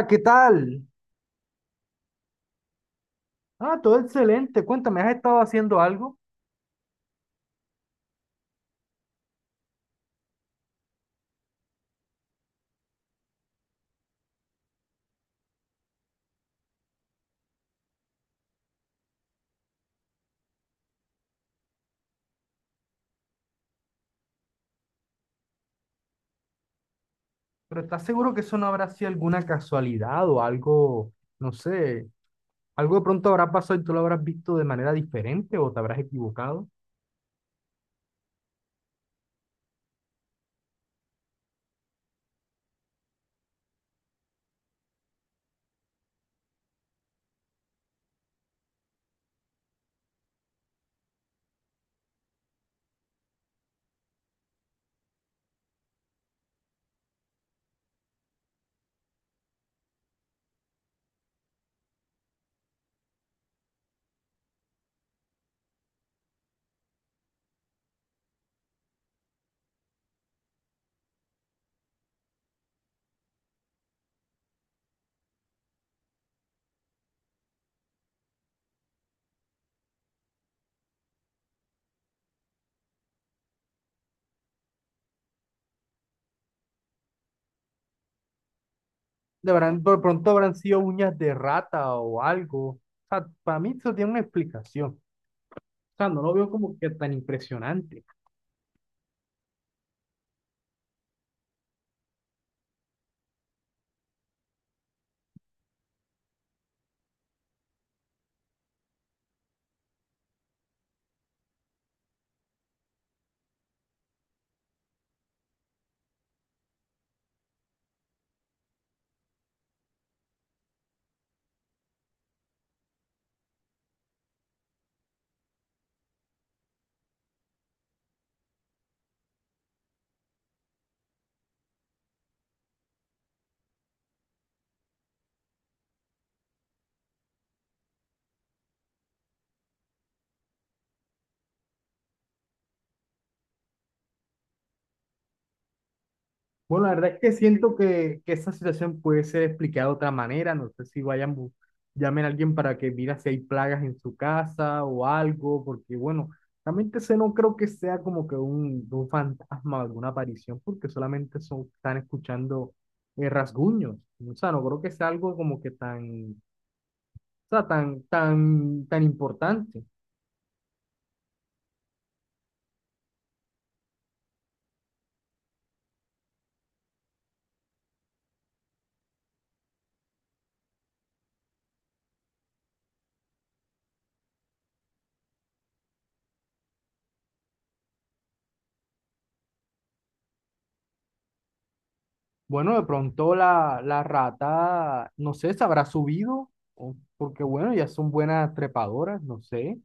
Hola, ¿qué tal? Ah, todo excelente. Cuéntame, ¿has estado haciendo algo? Pero ¿estás seguro que eso no habrá sido alguna casualidad o algo, no sé, algo de pronto habrá pasado y tú lo habrás visto de manera diferente o te habrás equivocado? De verdad, de pronto habrán sido uñas de rata o algo. O sea, para mí eso tiene una explicación. O sea, no lo veo como que tan impresionante. Bueno, la verdad es que siento que esa situación puede ser explicada de otra manera. No sé si vayan, llamen a alguien para que mira si hay plagas en su casa o algo, porque bueno, realmente ese no creo que sea como que un fantasma o alguna aparición, porque solamente son, están escuchando rasguños. O sea, no creo que sea algo como que tan, o sea, tan, tan, tan importante. Bueno, de pronto la rata, no sé, se habrá subido, porque bueno, ya son buenas trepadoras, no sé.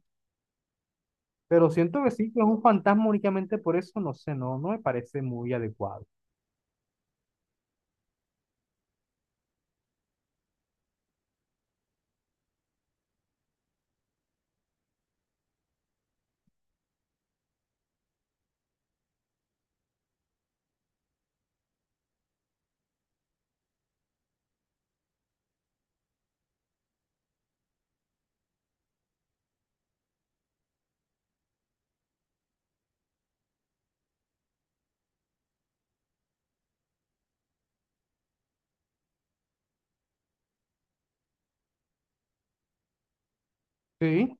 Pero siento que sí, que es un fantasma únicamente por eso, no sé, no, no me parece muy adecuado. Sí,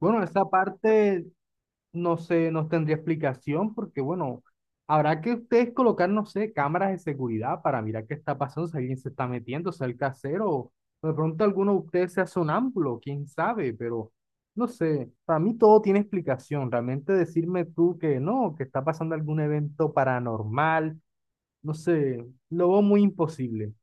bueno, esa parte no sé, no tendría explicación porque, bueno, habrá que ustedes colocar, no sé, cámaras de seguridad para mirar qué está pasando, si alguien se está metiendo, si el casero, o de pronto alguno de ustedes sea sonámbulo, quién sabe, pero no sé, para mí todo tiene explicación. Realmente decirme tú que no, que está pasando algún evento paranormal, no sé, lo veo muy imposible.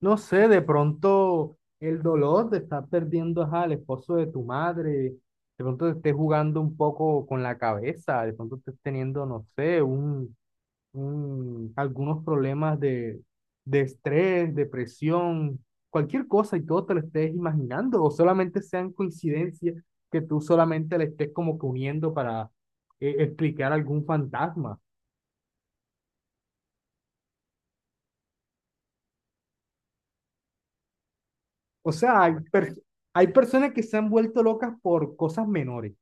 No sé, de pronto el dolor de estar perdiendo ajá, al esposo de tu madre, de pronto te estés jugando un poco con la cabeza, de pronto estés teniendo, no sé, un, algunos problemas de estrés, depresión, cualquier cosa y todo te lo estés imaginando, o solamente sean coincidencias que tú solamente le estés como que uniendo para explicar algún fantasma. O sea, hay, hay personas que se han vuelto locas por cosas menores.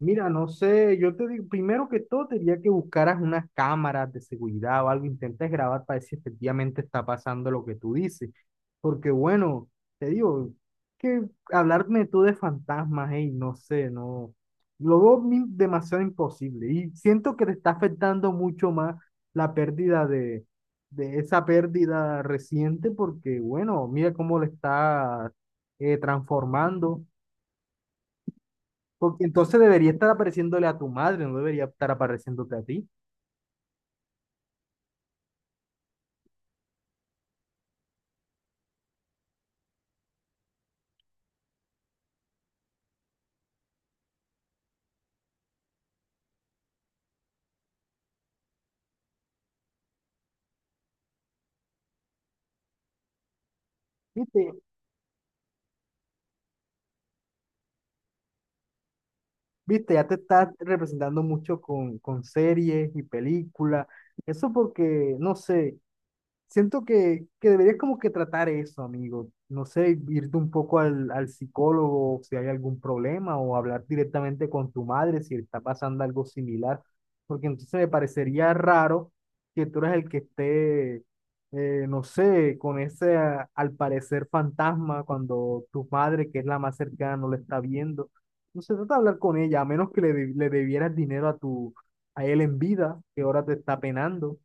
Mira, no sé, yo te digo, primero que todo, te diría que buscaras unas cámaras de seguridad o algo, intentes grabar para ver si efectivamente está pasando lo que tú dices. Porque bueno, te digo, que hablarme tú de fantasmas, hey, no sé, no, lo veo demasiado imposible y siento que te está afectando mucho más la pérdida de esa pérdida reciente porque bueno, mira cómo le está transformando. Porque entonces debería estar apareciéndole a tu madre, no debería estar apareciéndote a ti. ¿Viste? ¿Viste? Ya te estás representando mucho con series y películas. Eso porque, no sé, siento que deberías como que tratar eso, amigo. No sé, irte un poco al, al psicólogo si hay algún problema o hablar directamente con tu madre si está pasando algo similar, porque entonces me parecería raro que tú eres el que esté, no sé, con ese al parecer fantasma cuando tu madre, que es la más cercana, no lo está viendo. No se trata de hablar con ella, a menos que le, le debieras dinero a tu, a él en vida, que ahora te está penando.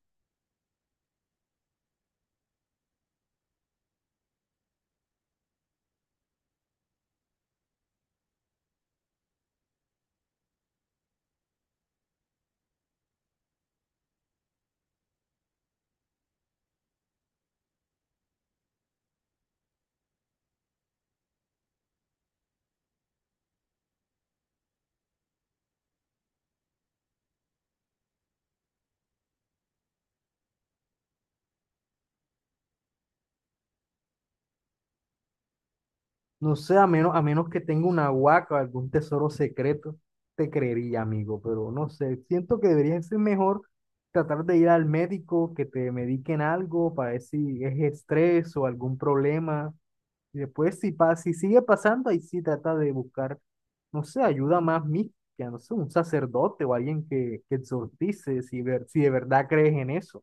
No sé, a menos que tenga una huaca o algún tesoro secreto, te creería, amigo, pero no sé. Siento que debería ser mejor tratar de ir al médico, que te mediquen algo para ver si es estrés o algún problema. Y después, si, si sigue pasando, ahí sí trata de buscar, no sé, ayuda más mística, no sé, un sacerdote o alguien que exorcice, si, ver, si de verdad crees en eso.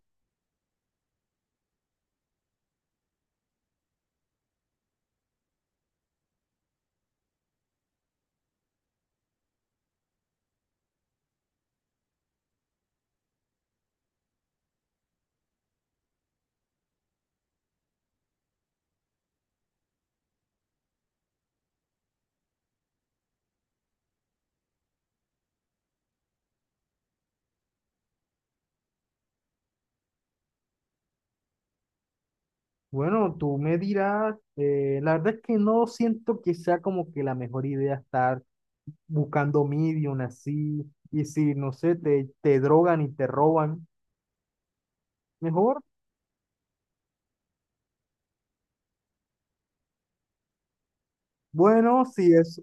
Bueno, tú me dirás, la verdad es que no siento que sea como que la mejor idea estar buscando medium así, y si, no sé, te drogan y te roban, mejor. Bueno, si es,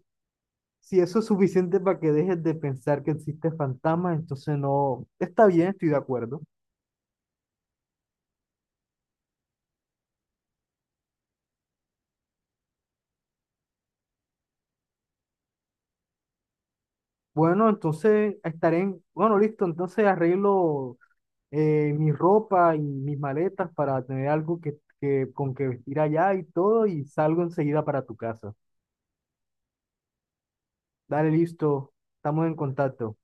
si eso es suficiente para que dejes de pensar que existe fantasma, entonces no, está bien, estoy de acuerdo. Bueno, entonces estaré en, bueno, listo, entonces arreglo mi ropa y mis maletas para tener algo que, con que vestir allá y todo, y salgo enseguida para tu casa. Dale, listo, estamos en contacto.